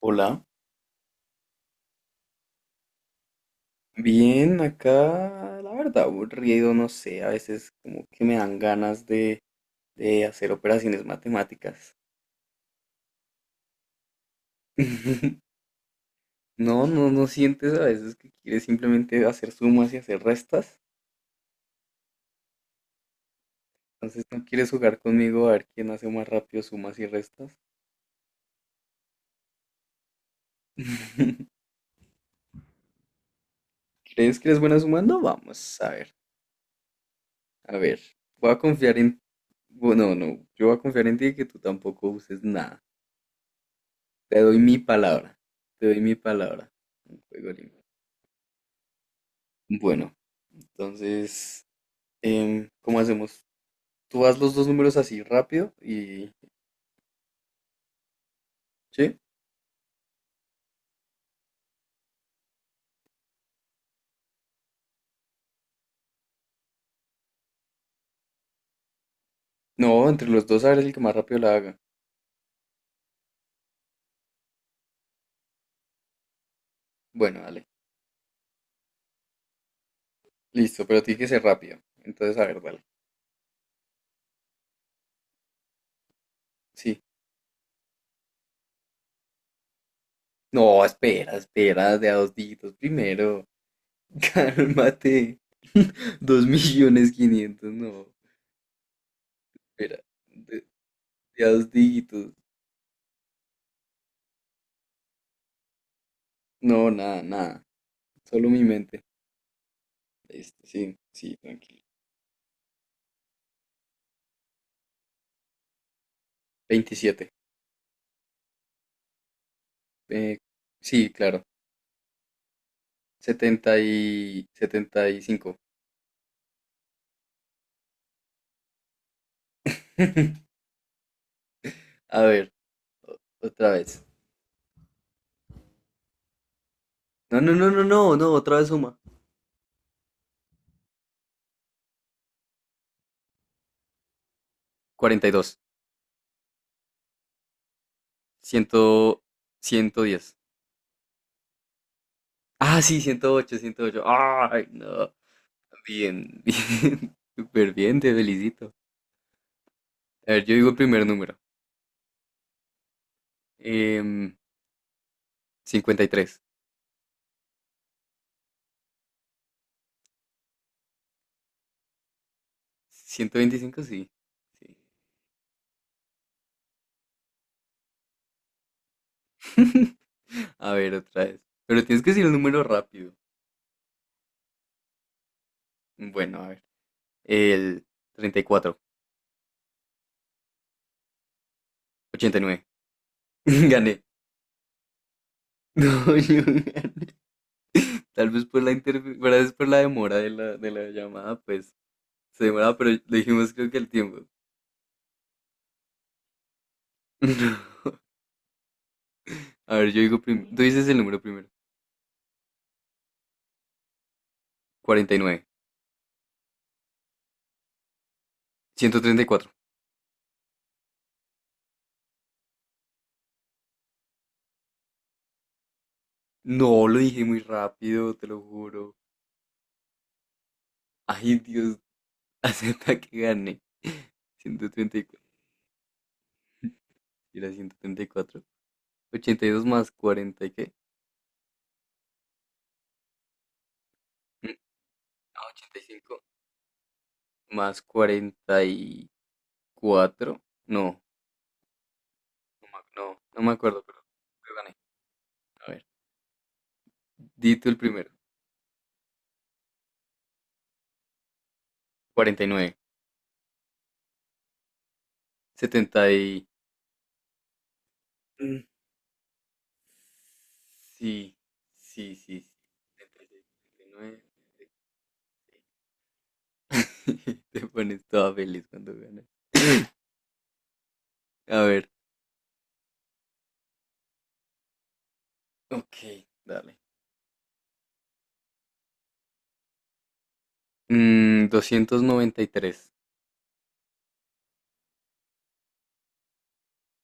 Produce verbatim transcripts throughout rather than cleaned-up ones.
Hola, bien, acá la verdad aburrido, no sé, a veces como que me dan ganas de, de hacer operaciones matemáticas. No, no, no sientes a veces que quieres simplemente hacer sumas y hacer restas. Entonces, ¿no quieres jugar conmigo a ver quién hace más rápido sumas y restas? ¿Crees que eres buena sumando? Vamos, a ver, a ver. Voy a confiar en. Bueno, no, no, yo voy a confiar en ti y que tú tampoco uses nada. Te doy mi palabra, te doy mi palabra. Un juego limpio. Bueno, entonces, em, ¿cómo hacemos? Tú haz los dos números así rápido y. ¿Sí? No, entre los dos a ver el que más rápido la haga. Bueno, dale. Listo, pero tiene que ser rápido. Entonces, a ver, dale. Sí. No, espera, espera, de a dos dígitos primero. Cálmate. Dos millones quinientos, no. Espera, de, de a dos dígitos. No, nada, nada. Solo mi mente. Listo, sí, sí, tranquilo. Veintisiete. Eh, sí, claro. setenta y setenta y cinco A ver, otra vez. No, no, no, no, no, no, otra vez suma. cuarenta y dos. Ciento diez. Ah, sí, ciento ocho ciento ocho Ay, no. Bien, bien. Súper bien, te felicito. A ver, yo digo el primer número. Em, cincuenta y tres. ciento veinticinco, sí. Sí. A ver, otra vez. Pero tienes que decir el número rápido. Bueno, a ver. El treinta y cuatro. Ochenta y nueve. Gané. No. yo- Tal vez por la interfe- tal vez por la demora de la, de la llamada, pues se demoraba, pero dijimos creo que el tiempo. A ver, yo digo primero. Tú dices el número primero. Cuarenta y nueve. Ciento treinta y cuatro. No, lo dije muy rápido, te lo juro. Ay, Dios, acepta que gane. ciento treinta y cuatro. Era ciento treinta y cuatro. ochenta y dos más cuarenta, ¿y qué? Mm, No, ochenta y cinco más cuarenta y cuatro. No, no, me ac- no, no me acuerdo, pero pero gané. A ver, di tú el primero. cuarenta y nueve. setenta y. Mm, sí, sí, sí, sí. setenta y seis, setenta y nueve. Te pones toda feliz cuando ganas. A ver. Ok, dale. Mm, doscientos noventa y tres.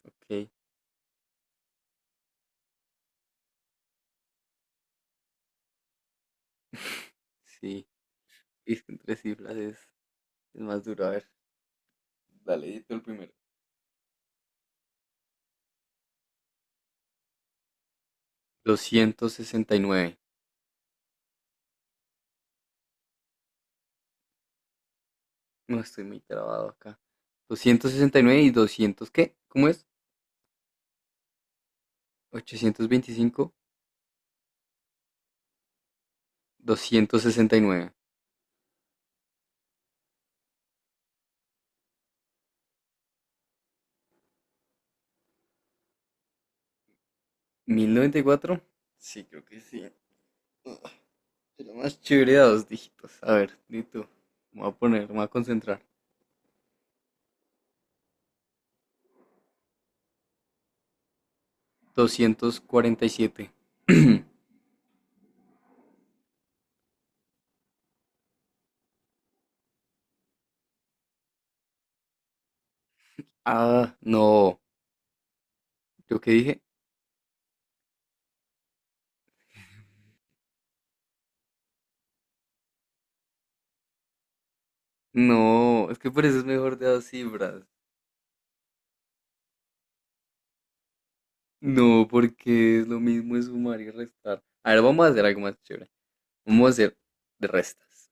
Ok. Sí. Es que en tres cifras es, es más duro. A ver. Dale, di tú el primero. Doscientos sesenta y nueve. No estoy muy trabado acá. Doscientos sesenta y nueve y doscientos, ¿qué? ¿Cómo es? Ochocientos veinticinco. Doscientos sesenta y nueve. Mil noventa y cuatro. Sí, creo que sí. Pero más chévere de dos dígitos. A ver, di tú. Me voy a poner, me voy a concentrar. Doscientos cuarenta y siete. Ah, no. ¿Yo qué dije? No, es que por eso es mejor de dos cifras. No, porque es lo mismo es sumar y restar. A ver, vamos a hacer algo más chévere. Vamos a hacer de restas.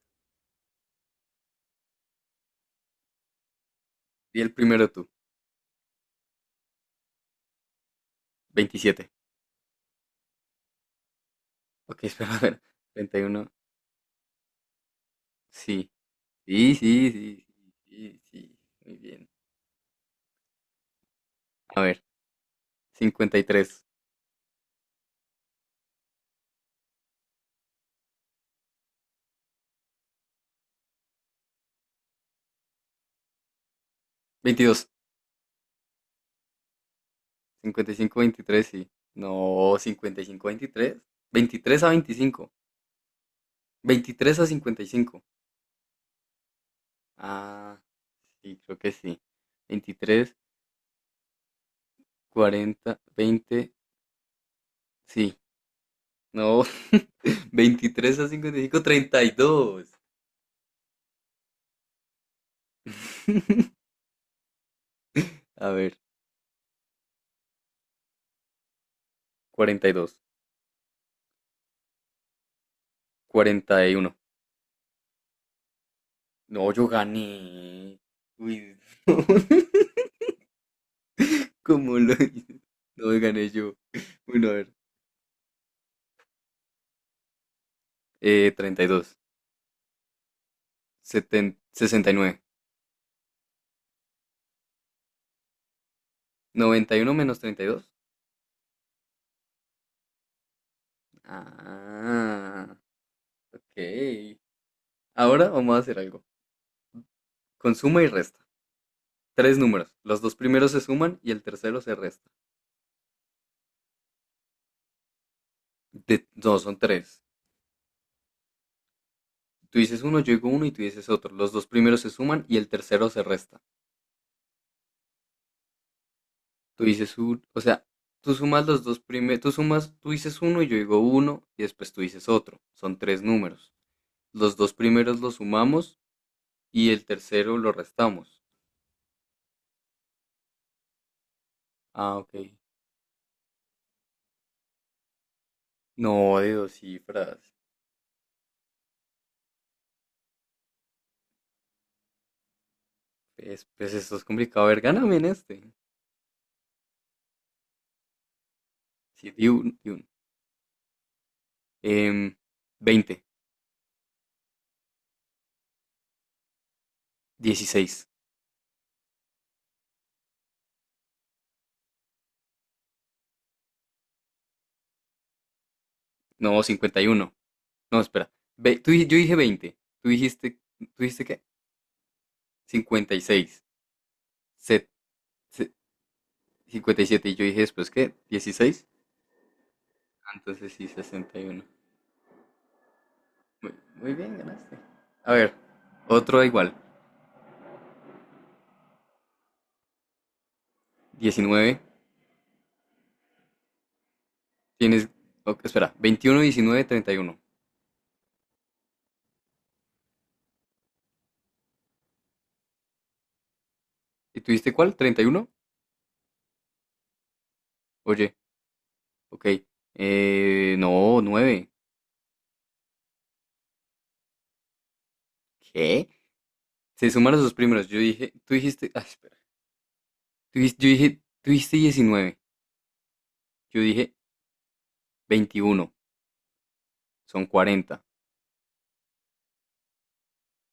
Y el primero tú. Veintisiete. Ok, espera, a ver. Treinta y uno. Sí. Sí, sí, sí, sí, sí, muy bien. A ver, cincuenta y tres, veintidós, cincuenta y cinco, veintitrés, sí. No, cincuenta y cinco, veintitrés, veintitrés a veinticinco, veintitrés a cincuenta y cinco. Ah, sí, creo que sí. veintitrés, cuarenta, veinte, sí. No, veintitrés a cincuenta y cinco, treinta y dos. A ver, cuarenta y dos, cuarenta y uno. No, yo gané. Uy, no. ¿Cómo lo hice? No, gané yo. Bueno, a ver. Eh, treinta y dos, seten- sesenta y nueve, noventa y uno menos treinta y dos. Ah, ok. Ahora vamos a hacer algo. Con suma y resta. Tres números. Los dos primeros se suman y el tercero se resta. De- no, son tres. Tú dices uno, yo digo uno y tú dices otro. Los dos primeros se suman y el tercero se resta. Tú dices un, o sea, tú sumas los dos primeros, tú sumas, tú dices uno y yo digo uno y después tú dices otro. Son tres números. Los dos primeros los sumamos y el tercero lo restamos. Ah, ok. No, de dos cifras. Pues, pues esto es complicado. A ver, gáname en este. Sí, di un, di un. Em, veinte, dieciséis, no, cincuenta y uno. No, espera. Ve- tú di- yo dije veinte. Tú dijiste, ¿tú dijiste qué? cincuenta y seis. set- se- cincuenta y siete. Y siete. Y yo dije después, ¿qué? Dieciséis. Entonces sí, sesenta y uno. Muy, muy bien, ganaste. A ver, otro igual. Diecinueve. Tienes, ok, espera, veintiuno, diecinueve, treinta, ¿y uno? ¿Y tuviste cuál? Treinta y uno. Oye, ok. Eh, no, nueve. ¿Qué? Se sumaron sus primeros. Yo dije, tú dijiste, ah, espera. Tú, dijiste- yo dije, tú dijiste diecinueve. Yo dije veintiuno. Son cuarenta.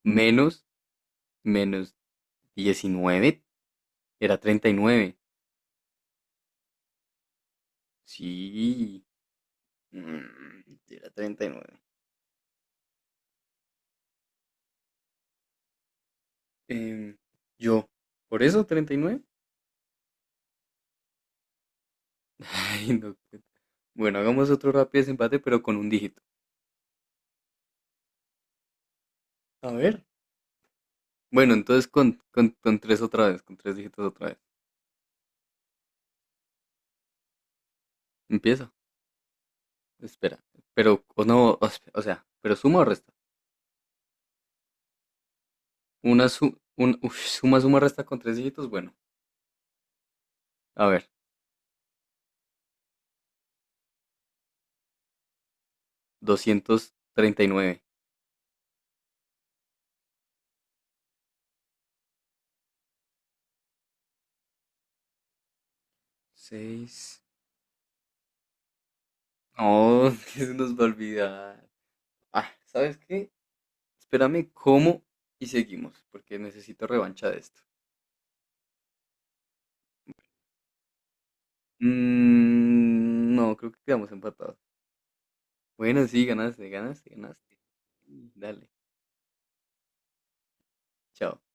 Menos, menos diecinueve. Era treinta y nueve. Sí. mm, era treinta y nueve. Em, yo, ¿por eso treinta y nueve? Ay, no. Pues. Bueno, hagamos otro rápido desempate, pero con un dígito. A ver. Bueno, entonces con, con, con tres otra vez, con tres dígitos otra vez. Empieza. Espera. Pero, o no, o esp- o sea, pero suma o resta. Una su, un, uf, suma, suma, resta con tres dígitos. Bueno, a ver, doscientos treinta y nueve. seis. No, que se nos va a olvidar. Ah, ¿sabes qué? Espérame, ¿cómo? Y seguimos, porque necesito revancha de esto. Mm, no, creo que quedamos empatados. Bueno, sí, ganaste, ganaste, ganaste. Dale, chao.